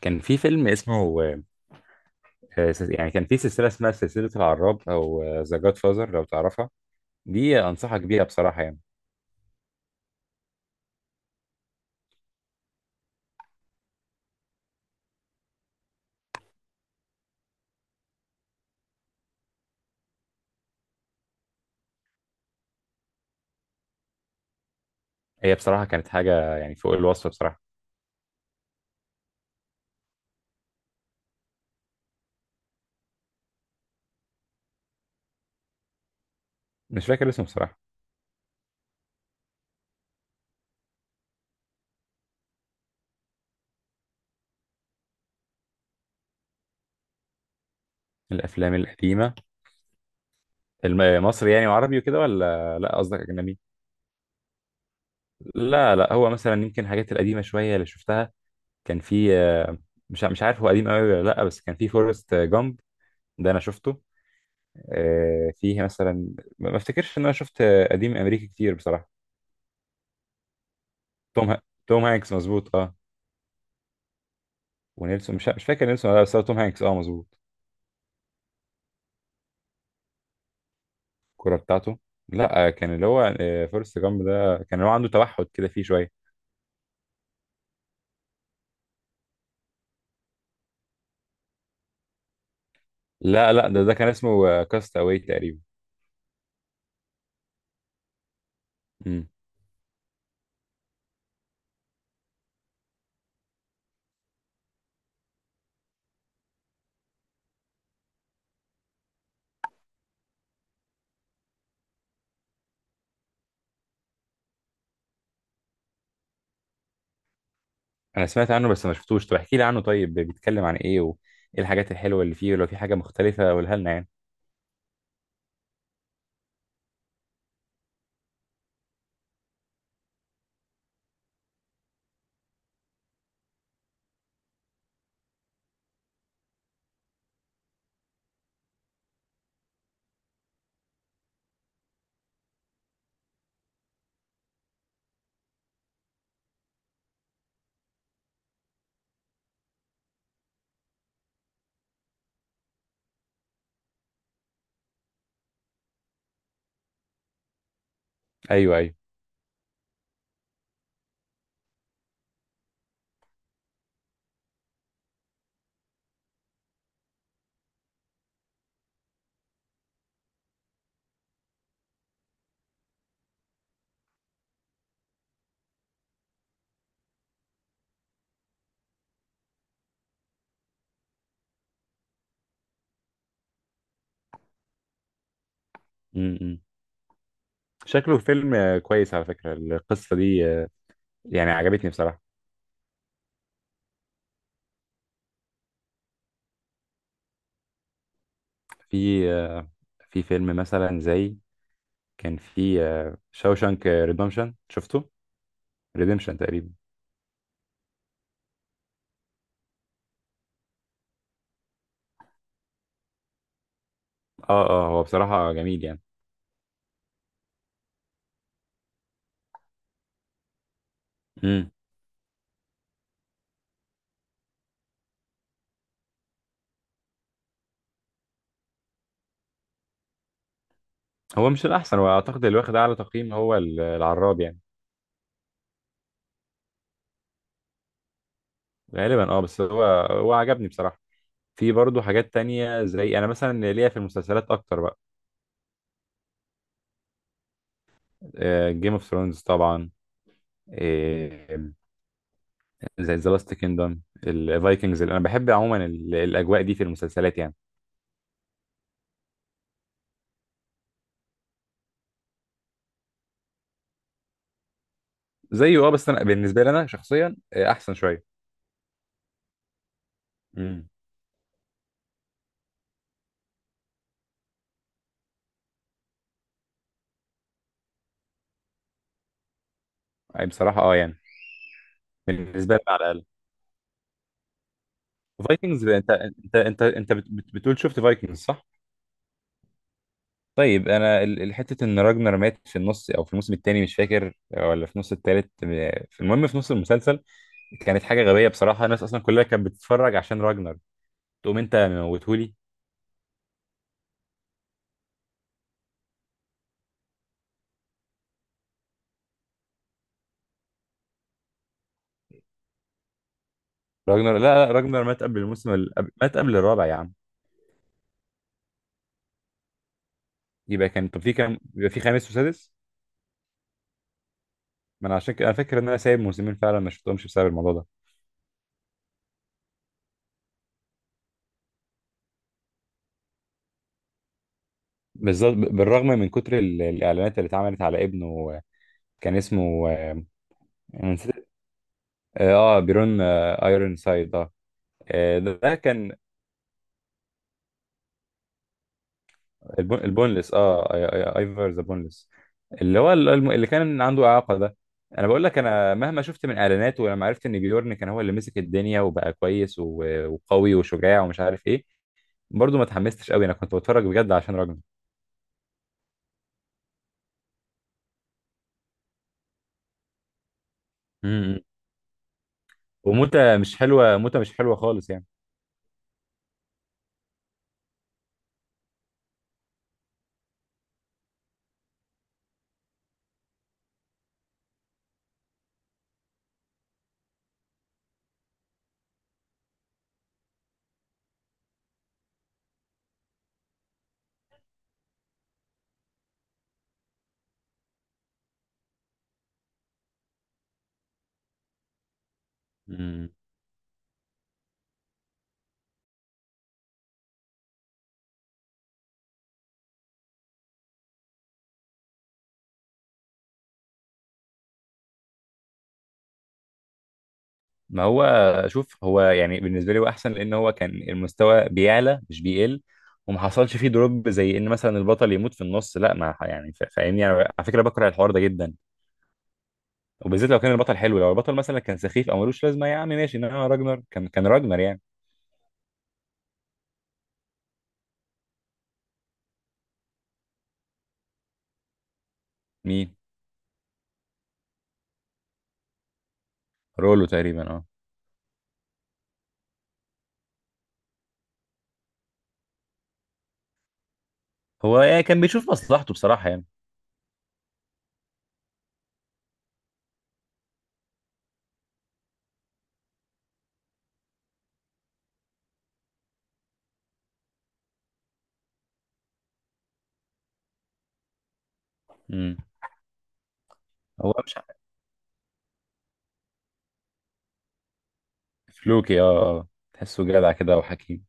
كان في فيلم اسمه يعني كان في سلسلة اسمها سلسلة العراب أو ذا جاد فازر لو تعرفها. دي أنصحك بيها بصراحة يعني. هي بصراحة كانت حاجة يعني فوق الوصف بصراحة. مش فاكر اسمه بصراحة. الأفلام القديمة، مصري يعني وعربي وكده، ولا لا قصدك أجنبي؟ لا لا، هو مثلا يمكن الحاجات القديمة شوية اللي شفتها. كان في مش عارف هو قديم أوي ولا لا، بس كان في فورست جامب، ده أنا شفته. فيه مثلا، ما افتكرش إن أنا شفت قديم أمريكي كتير بصراحة. توم ها... توم هانكس مظبوط اه. ونيلسون، مش فاكر نيلسون ولا لا، بس هو توم هانكس اه مظبوط. الكوره بتاعته. لا كان اللي هو فورست جامب ده كان هو عنده توحد كده فيه شويه. لا لا، ده كان اسمه كاست اواي تقريبا. امم. انا سمعت عنه بس ما شفتوش، طب احكي لي عنه، طيب بيتكلم عن ايه وايه الحاجات الحلوه اللي فيه، ولو في حاجه مختلفه قولها لنا يعني. ايوه ايوه. امم. شكله فيلم كويس على فكره، القصه دي يعني عجبتني بصراحه. في في فيلم مثلا زي، كان في شاوشانك ريدمشن شفته. ريديمشن تقريبا اه. اه، هو بصراحة جميل يعني. امم. هو مش الأحسن، وأعتقد اللي واخد أعلى تقييم هو العراب يعني. غالبا اه، بس هو عجبني بصراحة. في برضه حاجات تانية، زي أنا مثلا ليا في المسلسلات أكتر بقى. جيم اوف ثرونز طبعا. آه، زي ذا لاست كيندم، الفايكنجز، أنا بحب عموما الأجواء دي في المسلسلات يعني. زيه اه، بس أنا بالنسبة لي أنا شخصيا أحسن شوية. امم. أي بصراحة اه يعني. بالنسبة لي على الأقل. فايكنجز، انت بتقول شفت فايكنجز صح؟ طيب، انا حته ان راجنر مات في النص او في الموسم الثاني مش فاكر، ولا في نص الثالث. في، المهم في نص المسلسل، كانت حاجه غبيه بصراحه. الناس اصلا كلها كانت بتتفرج عشان راجنر، تقوم انت موتهولي. راجنر، لا لا، راجنر مات قبل الموسم مات قبل الرابع يا عم. يبقى كان، طب في كام، يبقى في خامس وسادس. ما انا عشان كده انا فاكر ان انا سايب موسمين فعلا ما شفتهمش بسبب الموضوع ده. بالظبط، بالرغم من كتر الاعلانات اللي اتعملت على ابنه. كان اسمه انا نسيت. اه، بيرون آه، بيرون آه، ايرون سايد اه. ده كان البونلس اه. ايفر ذا بونلس، اللي هو اللي كان عنده اعاقه ده. انا بقول لك، انا مهما شفت من اعلانات، ولما عرفت ان بيورن كان هو اللي مسك الدنيا وبقى كويس وقوي وشجاع ومش عارف ايه، برضه ما اتحمستش قوي. انا كنت بتفرج بجد عشان راجل. امم. وموتة مش حلوه، موتة مش حلوه خالص يعني. امم. ما هو، شوف، هو يعني بالنسبه لي هو احسن، لان هو كان المستوى بيعلى مش بيقل، وما حصلش فيه دروب زي ان مثلا البطل يموت في النص، لا ما ح- يعني فاهمني انا، على فكره بكره الحوار ده جدا. وبالذات لو كان البطل حلو، لو البطل مثلا كان سخيف او ملوش لازمه، يا عم ماشي، انما راجنر كان راجنر يعني. مين؟ رولو تقريبا اه. هو يعني كان بيشوف مصلحته بصراحه يعني. امم. هو مش عارف. فلوكي اه اه. تحسه جدع كده وحكيم.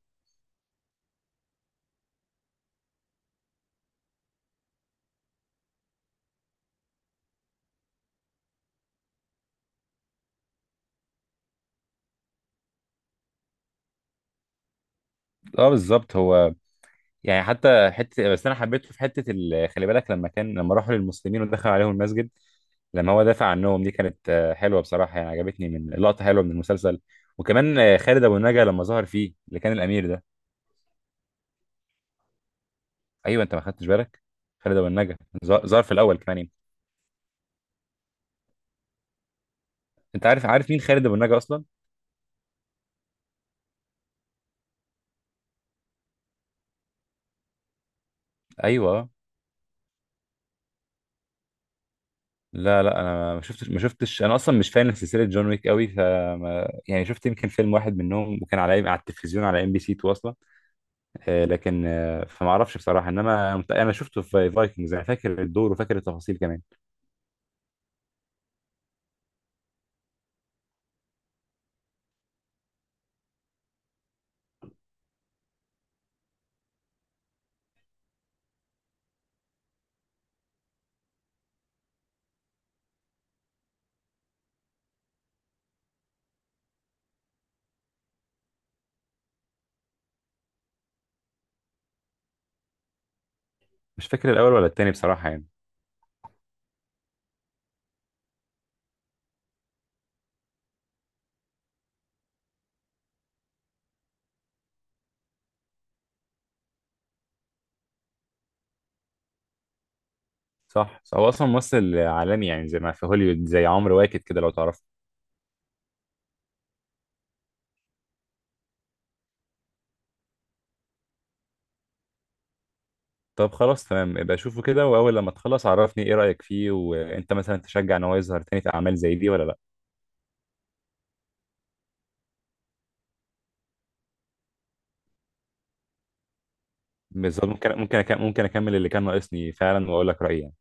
اه، بالظبط. هو يعني حتى حته، بس انا حبيته في حته خلي بالك، لما راحوا للمسلمين ودخل عليهم المسجد، لما هو دافع عنهم، دي كانت حلوه بصراحه يعني، عجبتني، من لقطه حلوه من المسلسل. وكمان خالد ابو النجا لما ظهر فيه، اللي كان الامير ده. ايوه، انت ما خدتش بالك، خالد ابو النجا ظهر في الاول كمان يعني. انت عارف مين خالد ابو النجا اصلا؟ ايوه. لا لا، انا ما شفتش انا اصلا مش فان سلسله جون ويك قوي، فما يعني شفت يمكن فيلم واحد منهم، وكان على التلفزيون على MBC 2 اصلا. لكن فما اعرفش بصراحه، انما انا شفته في فايكنجز، انا فاكر الدور وفاكر التفاصيل كمان. مش فاكر الاول ولا التاني بصراحه يعني. صح، هو اصلا ممثل عالمي يعني، زي ما في هوليوود زي عمرو واكد كده لو تعرف. طب خلاص تمام، يبقى شوفه كده، واول لما تخلص عرفني ايه رايك فيه، وانت مثلا تشجع ان هو يظهر تاني في اعمال زي دي ولا لا. بالظبط، ممكن اكمل اللي كان ناقصني فعلا واقول لك رايي.